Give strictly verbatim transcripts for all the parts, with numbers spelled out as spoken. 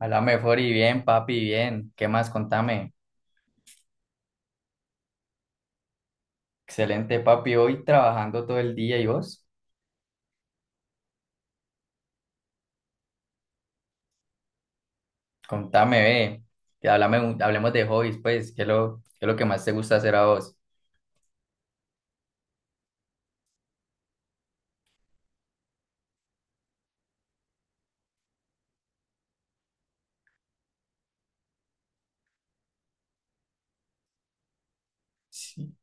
A la mejor y bien, papi, bien. ¿Qué más? Contame. Excelente, papi. Hoy trabajando todo el día y vos, contame, ve. Que háblame un- hablemos de hobbies, pues. ¿Qué es lo, qué es lo que más te gusta hacer a vos? Sí.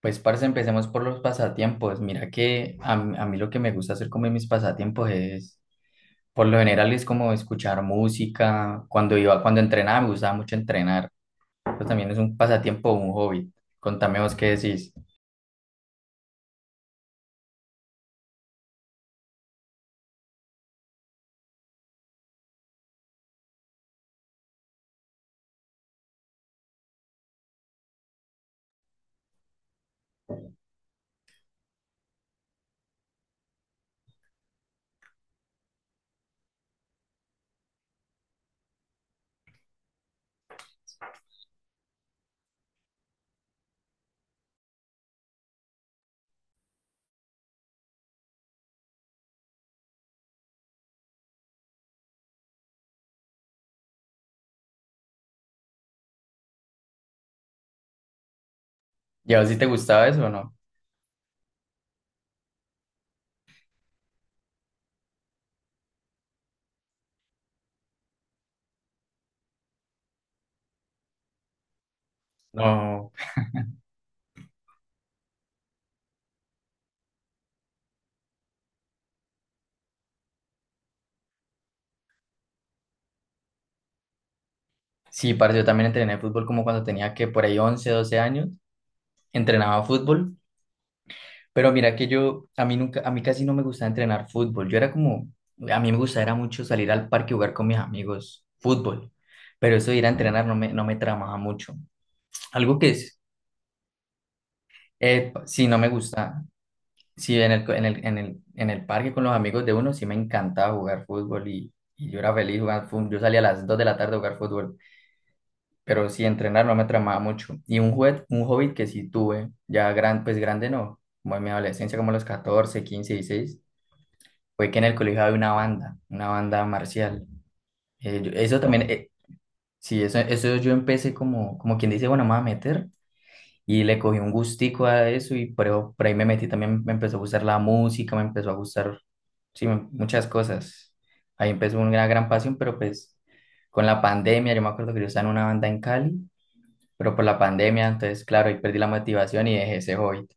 Pues, parce, empecemos por los pasatiempos. Mira que a, m- a mí lo que me gusta hacer como en mis pasatiempos es, por lo general, es como escuchar música. Cuando iba, cuando entrenaba, me gustaba mucho entrenar. Eso también es un pasatiempo, un hobby. Contame vos qué decís. ¿Y a vos sí te gustaba eso o no? No. Sí, parce, yo también entrené fútbol como cuando tenía que por ahí once doce años, entrenaba fútbol, pero mira que yo, a mí nunca, a mí casi no me gustaba entrenar fútbol, yo era como, a mí me gustaba era mucho salir al parque y jugar con mis amigos fútbol, pero eso de ir a entrenar no me, no me tramaba mucho. Algo que es, eh, sí, no me gusta, sí, en el, co- en el, en el, en el parque con los amigos de uno sí me encantaba jugar fútbol y, y yo era feliz jugando fútbol, yo salía a las dos de la tarde a jugar fútbol. Pero sí, entrenar no me tramaba mucho. Y un, juguet- un hobby que sí tuve, ya gran, pues grande no, como en mi adolescencia, como a los catorce, quince, dieciséis, fue que en el colegio había una banda, una banda marcial. Eh, yo- eso también, eh, sí, eso, eso yo empecé como, como quien dice, bueno, me voy a meter. Y le cogí un gustico a eso y por, eso- por ahí me metí también, me empezó a gustar la música, me empezó a gustar, sí, me- muchas cosas. Ahí empezó una gran pasión, pero pues con la pandemia, yo me acuerdo que yo estaba en una banda en Cali, pero por la pandemia, entonces, claro, ahí perdí la motivación y dejé ese hobby.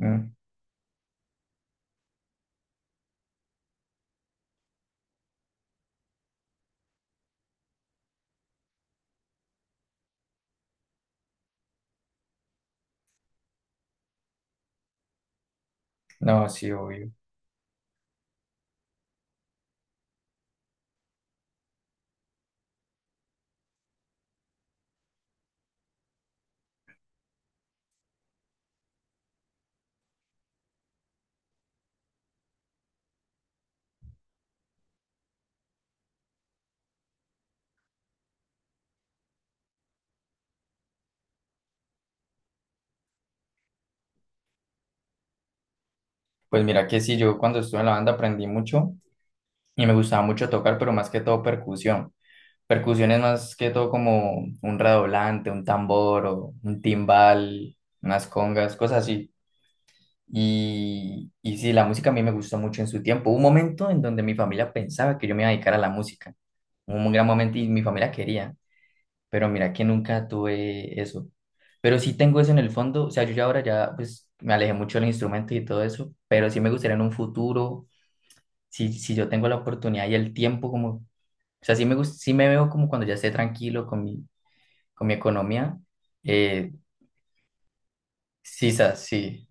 Mm. No, sí, obvio. Pues mira que sí, yo cuando estuve en la banda aprendí mucho y me gustaba mucho tocar, pero más que todo percusión. Percusión es más que todo como un redoblante, un tambor o un timbal, unas congas, cosas así. Y, y sí, la música a mí me gustó mucho en su tiempo. Hubo un momento en donde mi familia pensaba que yo me iba a dedicar a la música. Hubo un gran momento y mi familia quería, pero mira que nunca tuve eso. Pero sí tengo eso en el fondo, o sea, yo ya ahora ya pues me alejé mucho del instrumento y todo eso, pero sí me gustaría en un futuro, si, si yo tengo la oportunidad y el tiempo, como, o sea, sí me gus- sí me veo como cuando ya esté tranquilo con mi, con mi economía, eh, sí, sa- sí.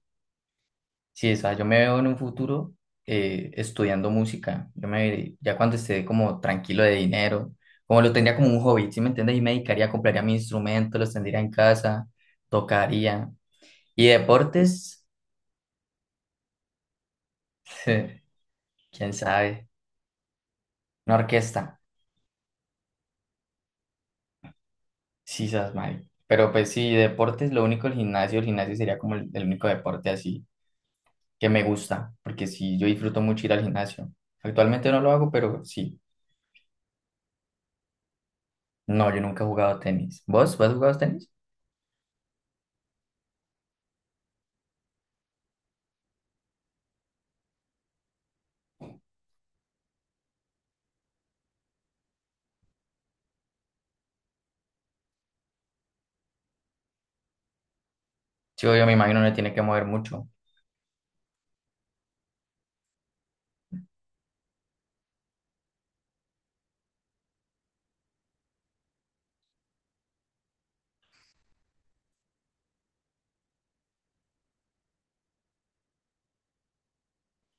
Sí, o sea, yo me veo en un futuro eh, estudiando música. Yo me, ya cuando esté como tranquilo de dinero, como lo tendría como un hobby, ¿sí me entiendes? Y me dedicaría, compraría mi instrumento, los tendría en casa, tocaría. Y deportes, quién sabe, una orquesta, sí, sabes, mal. Pero pues sí, deportes, lo único el gimnasio, el gimnasio sería como el, el único deporte así que me gusta, porque sí, yo disfruto mucho ir al gimnasio. Actualmente no lo hago, pero sí. No, yo nunca he jugado tenis. ¿Vos? ¿Vos has jugado tenis? Sí, yo me imagino no tiene que mover mucho.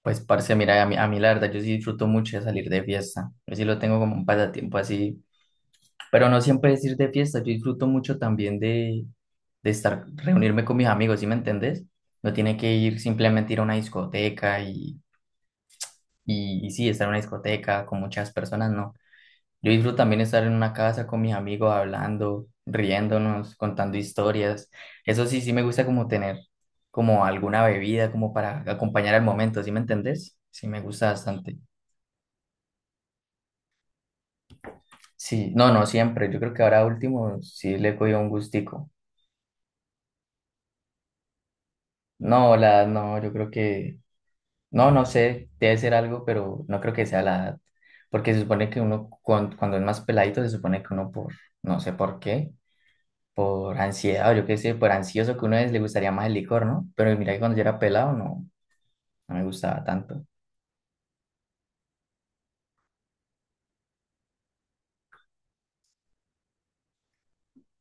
Pues, parce, mira, a mí, a mí la verdad, yo sí disfruto mucho de salir de fiesta. Yo sí lo tengo como un pasatiempo así. Pero no siempre es ir de fiesta. Yo disfruto mucho también de, de estar, reunirme con mis amigos, ¿sí me entendés? No tiene que ir simplemente ir a una discoteca y, y, y sí, estar en una discoteca con muchas personas, no. Yo disfruto también estar en una casa con mis amigos hablando, riéndonos, contando historias. Eso sí, sí me gusta como tener como alguna bebida como para acompañar al momento, ¿sí me entendés? Sí me gusta bastante. Sí, no, no siempre. Yo creo que ahora último sí le he cogido un gustico. No, la edad no, yo creo que, no, no sé, debe ser algo, pero no creo que sea la edad. Porque se supone que uno cuan- cuando es más peladito se supone que uno por, no sé por qué, por ansiedad, o yo qué sé, por ansioso que uno es, le gustaría más el licor, ¿no? Pero mira que cuando yo era pelado no, no me gustaba tanto.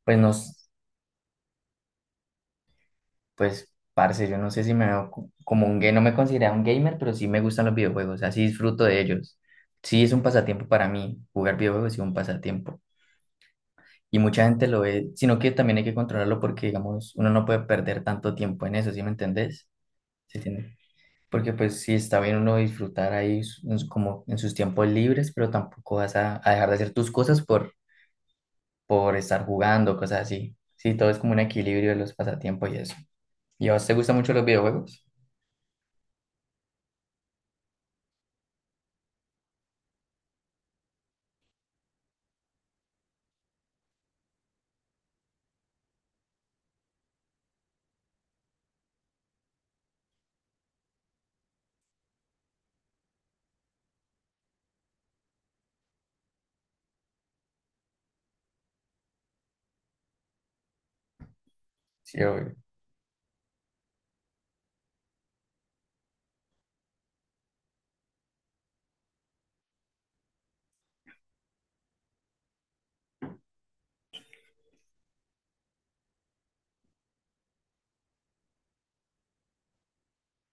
Pues no, s- pues parce, yo no sé si me veo co- como un gay, no me considero un gamer, pero sí me gustan los videojuegos, o sea, sí disfruto de ellos. Sí es un pasatiempo para mí, jugar videojuegos es un pasatiempo. Y mucha gente lo ve, sino que también hay que controlarlo porque, digamos, uno no puede perder tanto tiempo en eso, ¿sí me entendés? Sí. Porque pues sí está bien uno disfrutar ahí su- en su- como en sus tiempos libres, pero tampoco vas a, a dejar de hacer tus cosas por, por estar jugando, cosas así. Sí, todo es como un equilibrio de los pasatiempos y eso. ¿Y a vos te gustan mucho los videojuegos? Sí, obvio.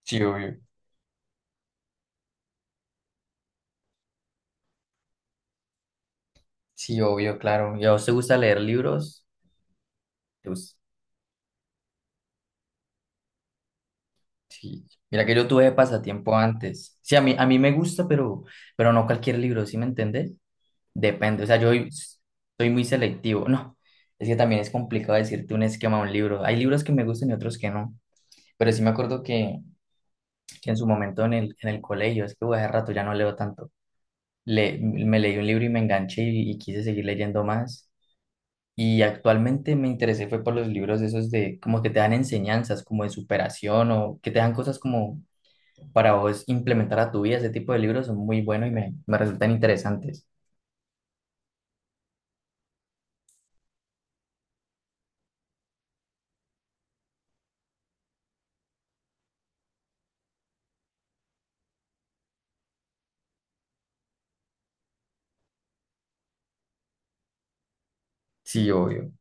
Sí, obvio. Sí, obvio, claro. ¿Y a vos te gusta leer libros? ¿Te gus- Sí. Mira que yo tuve pasatiempo antes. Sí, a mí, a mí me gusta, pero, pero no cualquier libro, ¿sí me entendés? Depende, o sea, yo soy muy selectivo. No, es que también es complicado decirte un esquema de un libro. Hay libros que me gustan y otros que no. Pero sí me acuerdo que, que en su momento en el, en el colegio, es que bueno, hace rato ya no leo tanto. Le, me leí un libro y me enganché y, y quise seguir leyendo más. Y actualmente me interesé fue por los libros esos de como que te dan enseñanzas, como de superación o que te dan cosas como para vos implementar a tu vida. Ese tipo de libros son muy buenos y me, me resultan interesantes. Sí, obvio.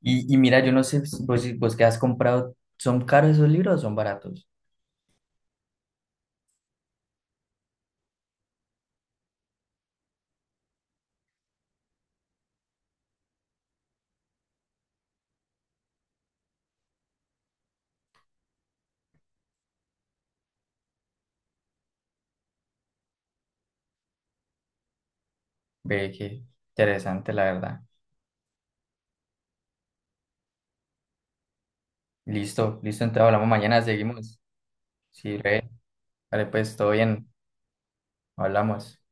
Y, y mira, yo no sé, si vos, si vos que has comprado, ¿son caros esos libros o son baratos? Ve, qué interesante, la verdad. Listo, listo, entonces hablamos mañana, seguimos. Sí, re, vale, pues todo bien, hablamos.